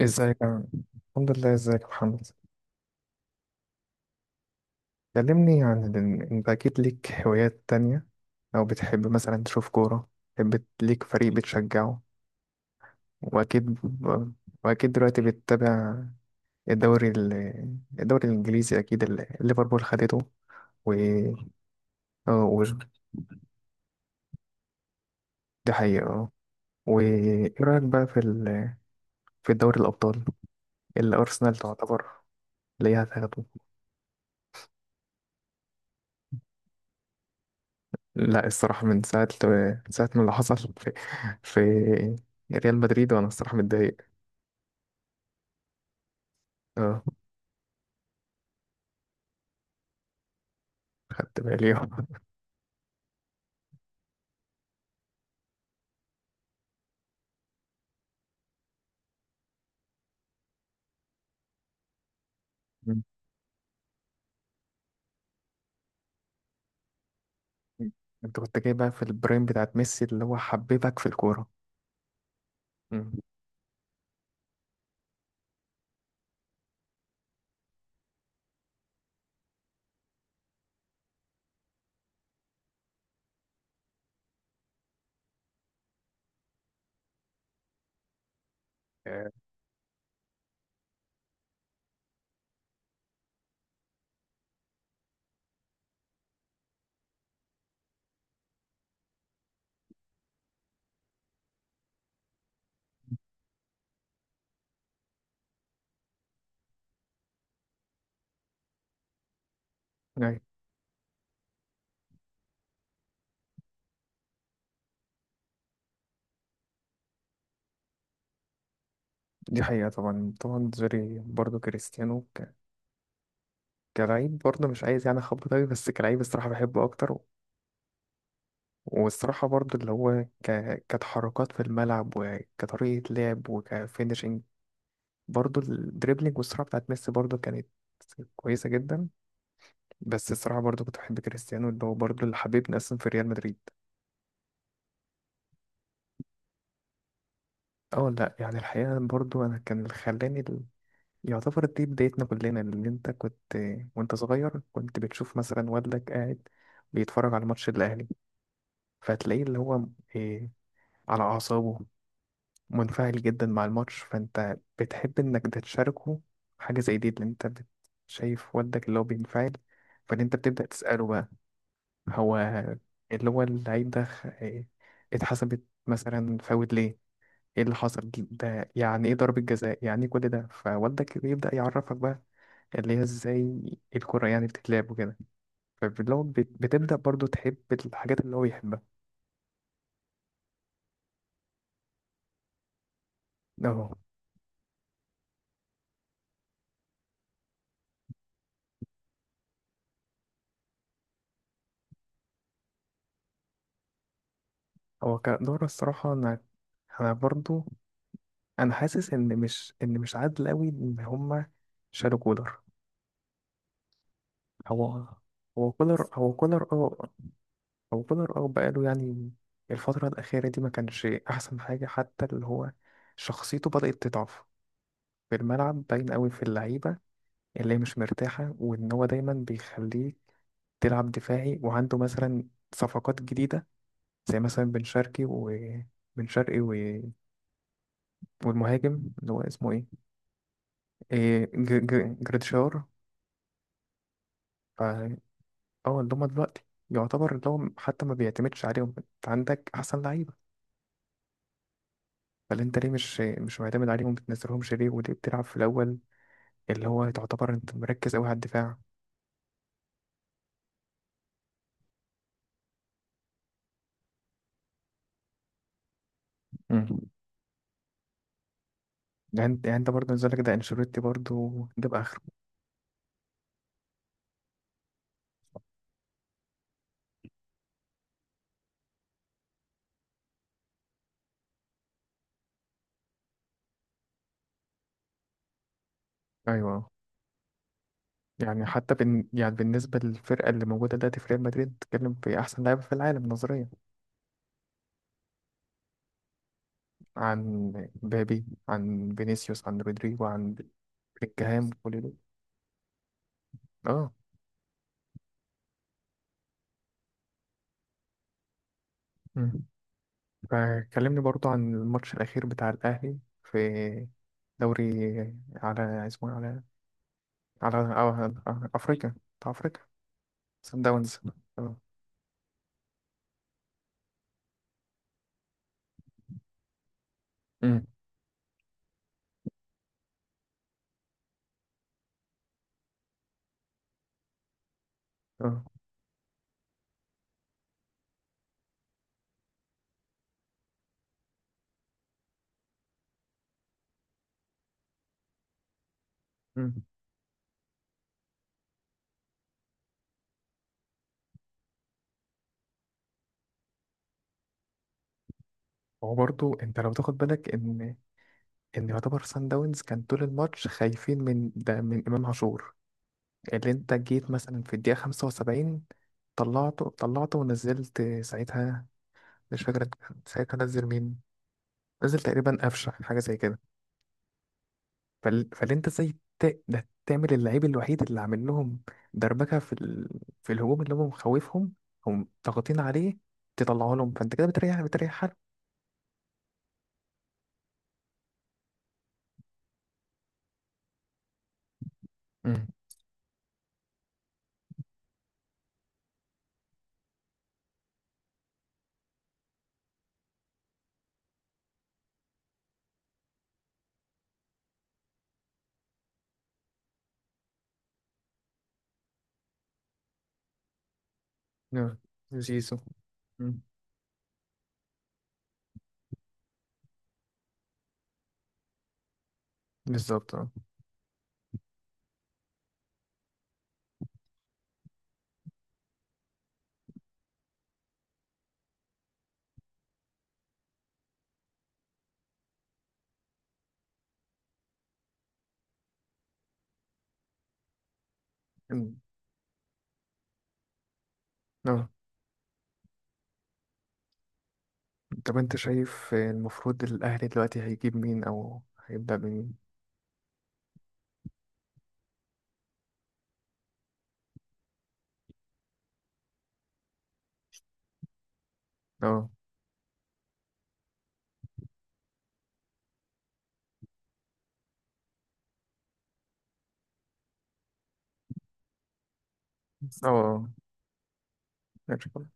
ازيك يا عم؟ الحمد لله، ازيك يا محمد. كلمني عن انت اكيد ليك هوايات تانية، او بتحب مثلا تشوف كورة، بتحب ليك فريق بتشجعه. واكيد، واكيد دلوقتي بتتابع الدوري ال... الدوري الانجليزي اكيد اللي ليفربول خدته. و اه و... دي حقيقة، اه. وايه رأيك بقى في دوري الابطال اللي ارسنال تعتبر ليها تاخده. لا الصراحة، من ساعة ما اللي حصل في ريال مدريد وأنا الصراحة متضايق. اه، خدت بالي آه. مم. أنت كنت جاي بقى في البرايم بتاعت ميسي اللي هو حببك في الكورة. مم. آه، أيوة، دي حقيقة. طبعا، طبعا زوري برضه كريستيانو كلاعب، برضه مش عايز يعني أخبط أوي، بس كلاعب الصراحة بحبه أكتر. والصراحة برضه اللي هو كتحركات في الملعب وكطريقة لعب وكفينشنج. برضو الدريبلينج والسرعة بتاعت ميسي برضو كانت كويسة جدا، بس الصراحة برضو كنت بحب كريستيانو اللي هو برضو اللي حبيبني أصلا في ريال مدريد. اه، لا يعني الحقيقة برضو أنا كان اللي خلاني يعتبر دي بدايتنا كلنا، اللي انت كنت، وانت صغير كنت بتشوف مثلا والدك قاعد بيتفرج على ماتش الأهلي، فتلاقيه اللي هو إيه، على أعصابه منفعل جدا مع الماتش، فانت بتحب انك ده تشاركه حاجة زي دي. اللي انت شايف والدك اللي هو بينفعل، فان انت بتبدأ تسأله بقى هو اللي هو العيب ده اتحسبت مثلا فاول ليه، ايه اللي حصل ده، يعني ايه ضربة جزاء، يعني ايه كل ده، فوالدك بيبدأ يعرفك بقى اللي هي ازاي الكرة يعني بتتلعب وكده. فاللي هو بتبدأ برضو تحب الحاجات اللي هو يحبها. اهو. هو كدورة الصراحة، انا برضو، انا حاسس ان مش ان مش عادل قوي ان هما شالوا كولر. هو هو كولر اه، هو كولر اه، بقاله يعني الفترة الأخيرة دي ما كانش أحسن حاجة، حتى اللي هو شخصيته بدأت تضعف في الملعب، باين قوي في اللعيبة اللي هي مش مرتاحة، وإن هو دايما بيخليك تلعب دفاعي، وعنده مثلا صفقات جديدة زي مثلا بن شرقي و... والمهاجم اللي هو اسمه إيه, إيه جريتشار. ف اه اللي هما دلوقتي يعتبر اللي هو حتى ما بيعتمدش عليهم، أنت عندك أحسن لعيبة، فاللي انت ليه مش معتمد عليهم، بتنزلهمش ليه، وليه بتلعب في الاول اللي هو تعتبر انت مركز قوي على الدفاع. مم. يعني انت برضه نزلك ده انشيلوتي برضه جاب اخره. ايوه، يعني حتى بن يعني بالنسبه للفرقه اللي موجوده دلوقتي في ريال مدريد، بتتكلم في احسن لاعب في العالم نظريا. عن بابي، عن فينيسيوس، عن رودريجو، عن بلينجهام، كل دول. اه. مم. فكلمني برضه عن الماتش الاخير بتاع الاهلي في دوري على اسمه إيه؟ على على على افريقيا، بتاع افريقيا. سان داونز، اه. امم. اه. امم. هو برضو انت لو تاخد بالك ان ان يعتبر سان داونز كان طول الماتش خايفين من ده، من امام عاشور، اللي انت جيت مثلا في الدقيقه 75 طلعته ونزلت ساعتها، مش فاكر ساعتها نزل مين، نزل تقريبا قفشه حاجه زي كده. فاللي انت ازاي ده تعمل اللعيب الوحيد اللي عامل لهم دربكه في الهجوم، اللي هم مخوفهم، هم ضاغطين عليه، تطلعه لهم، فانت كده بتريح، بتريح حالك. مم. نعم، زيزو. مم. بالظبط اه. أمم. اه، طب انت شايف المفروض الاهلي دلوقتي هيجيب مين او هيبدأ بمين. اه. اه آه. ماشي خلاص.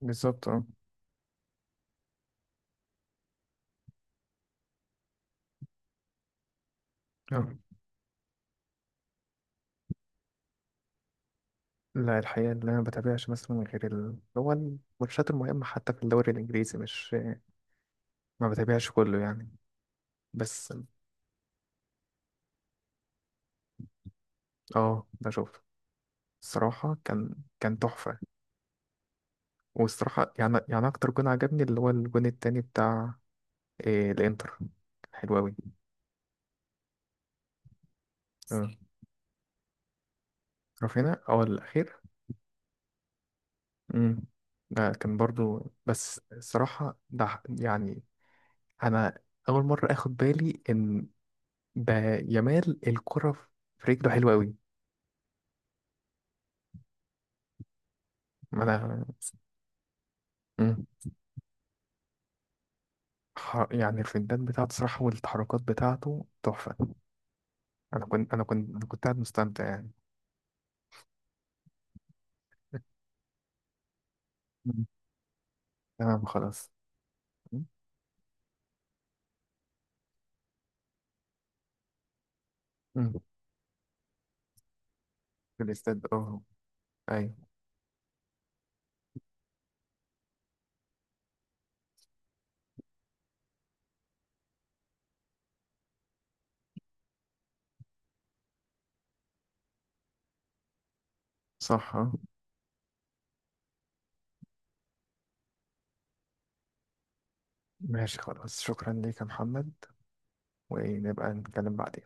بالظبط اه. اه لا الحقيقة، اللي أنا ما بتابعش مثلا غير اللي هو الماتشات المهمة، حتى في الدوري الإنجليزي مش ما بتابعش كله يعني. بس اه بشوف. الصراحة كان، كان تحفة. والصراحة يعني، يعني أكتر جون عجبني اللي هو الجون التاني بتاع إيه الإنتر، حلو أوي. اه، رافينا اه الأخير. امم. ده كان برضو، بس الصراحة ده يعني أنا أول مرة آخد بالي إن ده يمال الكرة في رجله حلوة أوي. ما أنا، مم. يعني الفنتات بتاعته صراحة والتحركات بتاعته تحفة. أنا كنت قاعد مستمتع يعني. تمام خلاص. مم. في الاستاد اه. ايوه. صح آه. ماشي خلاص، شكرا ليك يا محمد، ونبقى نتكلم بعدين.